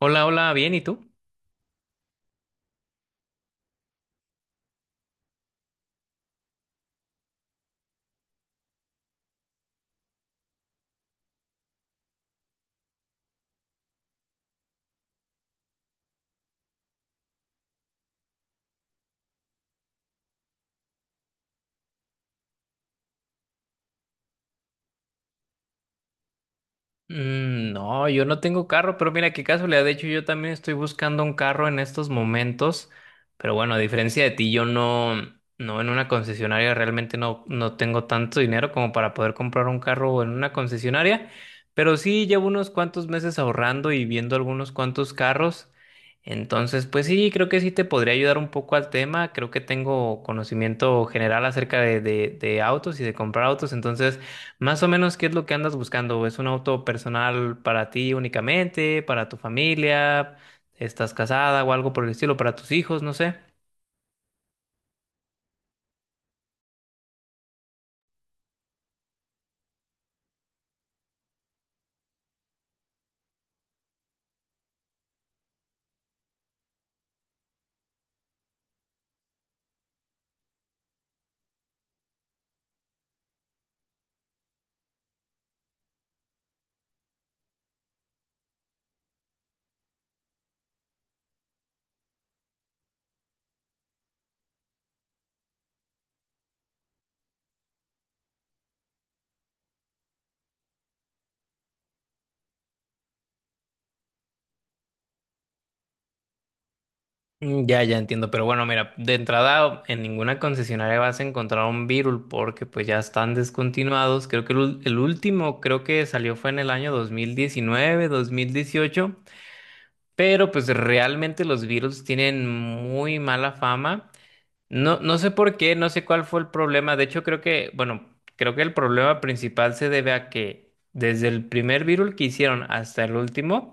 Hola, hola, bien, ¿y tú? Mm, no, yo no tengo carro, pero mira qué casualidad. De hecho, yo también estoy buscando un carro en estos momentos. Pero bueno, a diferencia de ti, yo no en una concesionaria realmente no, no tengo tanto dinero como para poder comprar un carro en una concesionaria. Pero sí llevo unos cuantos meses ahorrando y viendo algunos cuantos carros. Entonces, pues sí, creo que sí te podría ayudar un poco al tema. Creo que tengo conocimiento general acerca de autos y de comprar autos. Entonces. Más o menos, ¿qué es lo que andas buscando? ¿Es un auto personal para ti únicamente, para tu familia? ¿Estás casada o algo por el estilo, para tus hijos? No sé. Mm, ya, ya entiendo, pero bueno, mira, de entrada en ninguna concesionaria vas a encontrar un Virul porque pues ya están descontinuados. Creo que el último creo que salió fue en el año 2019, 2018, pero pues realmente los Viruls tienen muy mala fama. No, no sé por qué, no sé cuál fue el problema. De hecho, creo que, bueno, creo que el problema principal se debe a que desde el primer virul que hicieron hasta el último,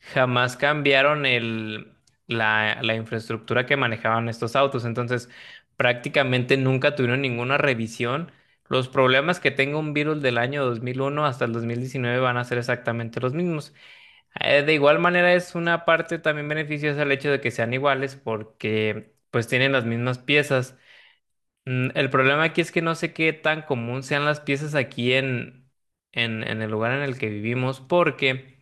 jamás cambiaron la infraestructura que manejaban estos autos. Entonces, prácticamente nunca tuvieron ninguna revisión. Los problemas que tenga un virul del año 2001 hasta el 2019 van a ser exactamente los mismos. De igual manera es una parte también beneficiosa el hecho de que sean iguales porque pues tienen las mismas piezas. Mm, el problema aquí es que no sé qué tan común sean las piezas aquí en el lugar en el que vivimos, porque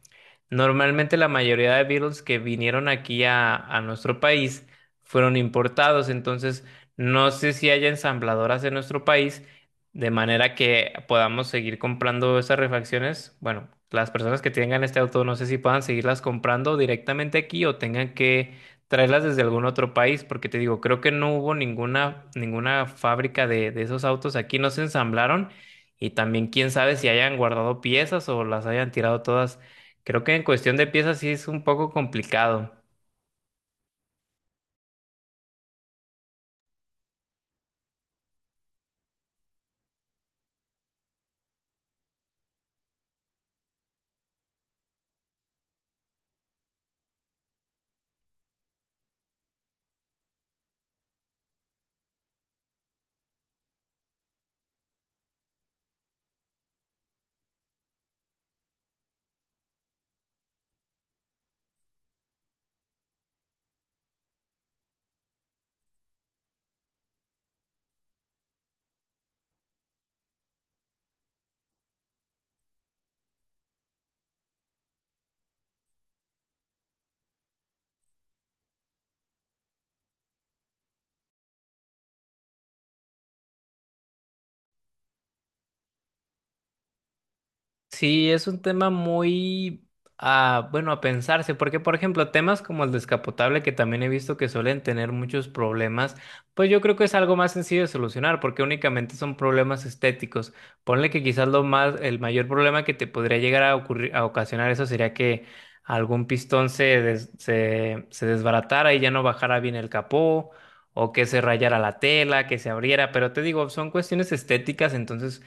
normalmente la mayoría de Beatles que vinieron aquí a nuestro país fueron importados, entonces no sé si haya ensambladoras en nuestro país, de manera que podamos seguir comprando esas refacciones. Bueno, las personas que tengan este auto no sé si puedan seguirlas comprando directamente aquí o tengan que traerlas desde algún otro país, porque te digo, creo que no hubo ninguna fábrica de esos autos aquí, no se ensamblaron y también quién sabe si hayan guardado piezas o las hayan tirado todas. Creo que en cuestión de piezas sí es un poco complicado. Sí, es un tema, a pensarse, porque por ejemplo, temas como el descapotable, que también he visto que suelen tener muchos problemas, pues yo creo que es algo más sencillo de solucionar, porque únicamente son problemas estéticos. Ponle que quizás el mayor problema que te podría llegar a ocurrir, a ocasionar eso sería que algún pistón se desbaratara y ya no bajara bien el capó, o que se rayara la tela, que se abriera, pero te digo, son cuestiones estéticas, entonces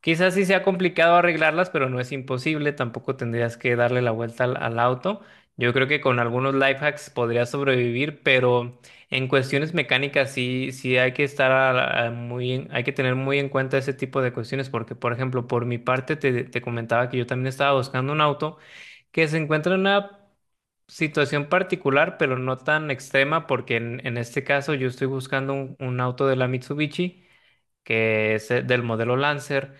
quizás sí sea complicado arreglarlas, pero no es imposible. Tampoco tendrías que darle la vuelta al auto. Yo creo que con algunos life hacks podrías sobrevivir, pero en cuestiones mecánicas sí, sí hay que estar a la- a muy, en- hay que tener muy en cuenta ese tipo de cuestiones, porque por ejemplo, por mi parte te comentaba que yo también estaba buscando un auto que se encuentra en una situación particular, pero no tan extrema, porque en este caso yo estoy buscando un auto de la Mitsubishi que es del modelo Lancer,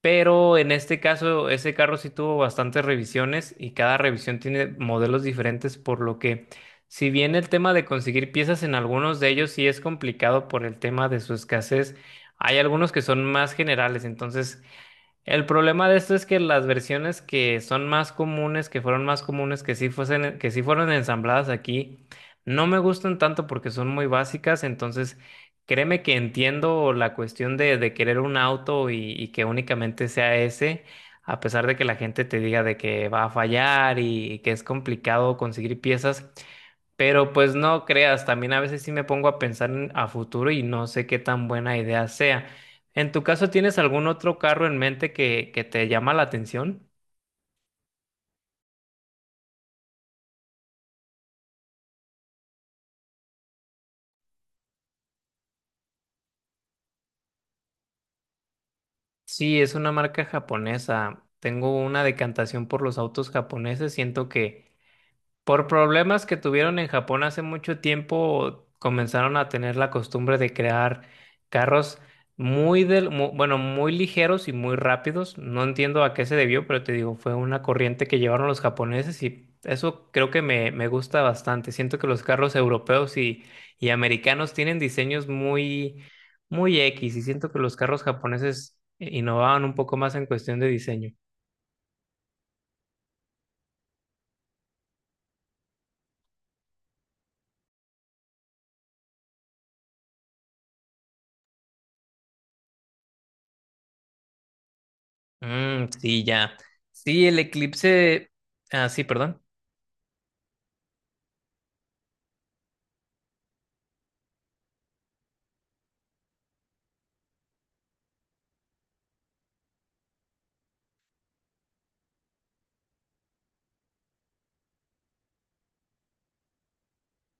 pero en este caso, ese carro sí tuvo bastantes revisiones y cada revisión tiene modelos diferentes, por lo que si bien el tema de conseguir piezas en algunos de ellos sí es complicado por el tema de su escasez, hay algunos que son más generales. Entonces el problema de esto es que las versiones que son más comunes, que fueron más comunes, que sí fueron ensambladas aquí, no me gustan tanto porque son muy básicas. Entonces, créeme que entiendo la cuestión de querer un auto y que únicamente sea ese, a pesar de que la gente te diga de que va a fallar y que es complicado conseguir piezas. Pero pues no creas, también a veces sí me pongo a a futuro y no sé qué tan buena idea sea. ¿En tu caso tienes algún otro carro en mente que te llama la atención? Sí, es una marca japonesa. Tengo una decantación por los autos japoneses. Siento que por problemas que tuvieron en Japón hace mucho tiempo, comenzaron a tener la costumbre de crear carros muy del, mu- bueno, muy ligeros y muy rápidos. No entiendo a qué se debió, pero te digo, fue una corriente que llevaron los japoneses y eso creo que me gusta bastante. Siento que los carros europeos y americanos tienen diseños muy, muy X y siento que los carros japoneses innovaban un poco más en cuestión de diseño. Mm, sí, ya. Sí, el eclipse. Ah, sí, perdón.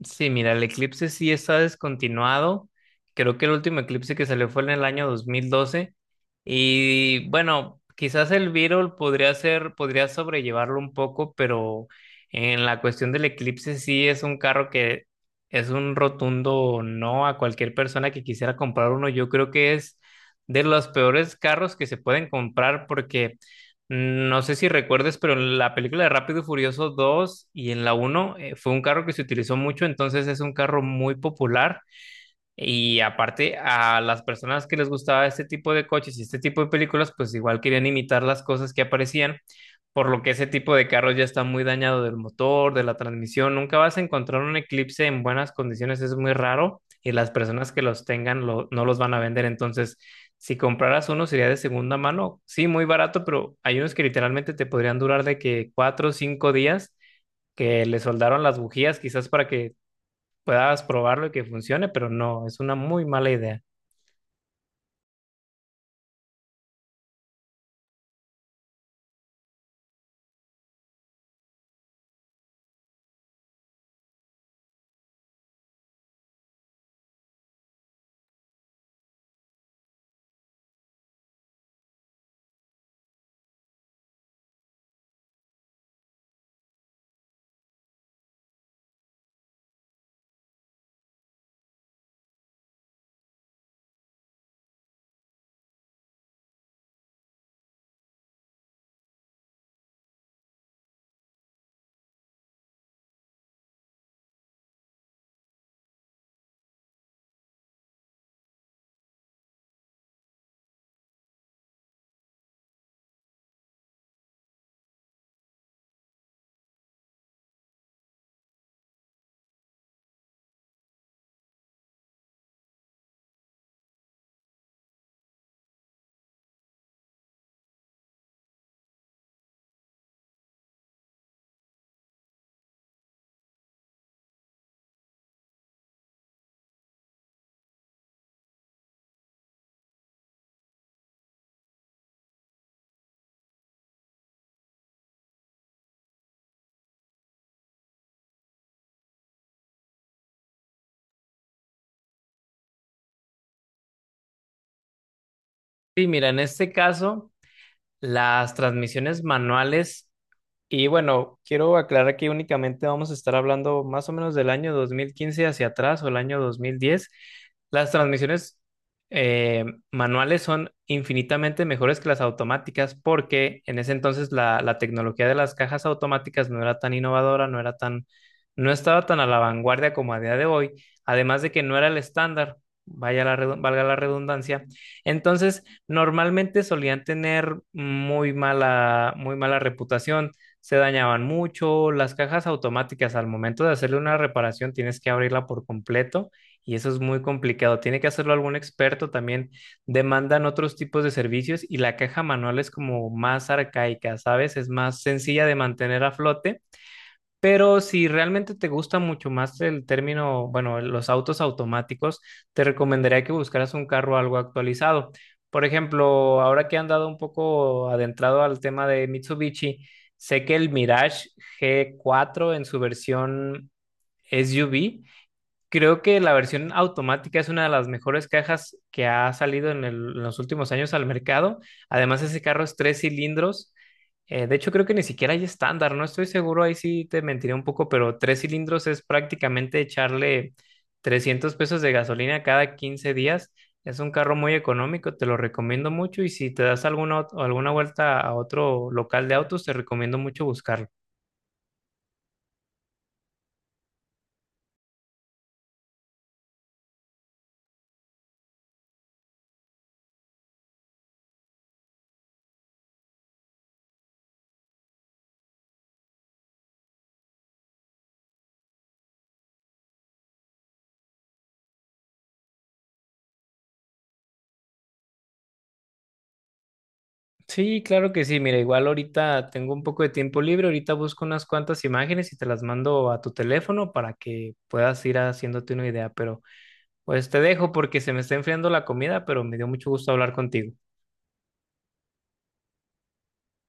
Sí, mira, el eclipse sí está descontinuado. Creo que el último eclipse que salió fue en el año 2012. Y bueno, quizás el Virol podría ser, podría sobrellevarlo un poco, pero en la cuestión del eclipse sí es un carro que es un rotundo no a cualquier persona que quisiera comprar uno. Yo creo que es de los peores carros que se pueden comprar. Porque. No sé si recuerdes, pero en la película de Rápido y Furioso 2 y en la uno fue un carro que se utilizó mucho, entonces es un carro muy popular y aparte a las personas que les gustaba este tipo de coches y este tipo de películas, pues igual querían imitar las cosas que aparecían, por lo que ese tipo de carros ya está muy dañado del motor, de la transmisión. Nunca vas a encontrar un Eclipse en buenas condiciones, es muy raro y las personas que los tengan no los van a vender. Entonces, si compraras uno sería de segunda mano, sí, muy barato, pero hay unos que literalmente te podrían durar de que cuatro o cinco días, que le soldaron las bujías, quizás para que puedas probarlo y que funcione, pero no, es una muy mala idea. Sí, mira, en este caso, las transmisiones manuales. Y bueno, quiero aclarar que únicamente vamos a estar hablando más o menos del año 2015 hacia atrás o el año 2010. Las transmisiones eh, manuales son infinitamente mejores que las automáticas porque en ese entonces la tecnología de las cajas automáticas no era tan innovadora, no era tan, no estaba tan a la vanguardia como a día de hoy, además de que no era el estándar, valga la redundancia. Entonces, normalmente solían tener muy mala reputación. Se dañaban mucho. Las cajas automáticas, al momento de hacerle una reparación, tienes que abrirla por completo y eso es muy complicado. Tiene que hacerlo algún experto también. Demandan otros tipos de servicios y la caja manual es como más arcaica, ¿sabes? Es más sencilla de mantener a flote, pero si realmente te gusta mucho más el término, bueno, los autos automáticos, te recomendaría que buscaras un carro algo actualizado. Por ejemplo, ahora que he andado un poco adentrado al tema de Mitsubishi, sé que el Mirage g cuatro en su versión SUV. Creo que la versión automática es una de las mejores cajas que ha salido en los últimos años al mercado. Además, ese carro es tres cilindros. De hecho, creo que ni siquiera hay estándar, no estoy seguro, ahí sí te mentiré un poco, pero tres cilindros es prácticamente echarle 300 pesos de gasolina cada 15 días. Es un carro muy económico, te lo recomiendo mucho y si te das alguna vuelta a otro local de autos, te recomiendo mucho buscarlo. Sí, claro que sí. Mira, igual ahorita tengo un poco de tiempo libre. Ahorita busco unas cuantas imágenes y te las mando a tu teléfono para que puedas ir haciéndote una idea. Pero pues te dejo porque se me está enfriando la comida, pero me dio mucho gusto hablar contigo.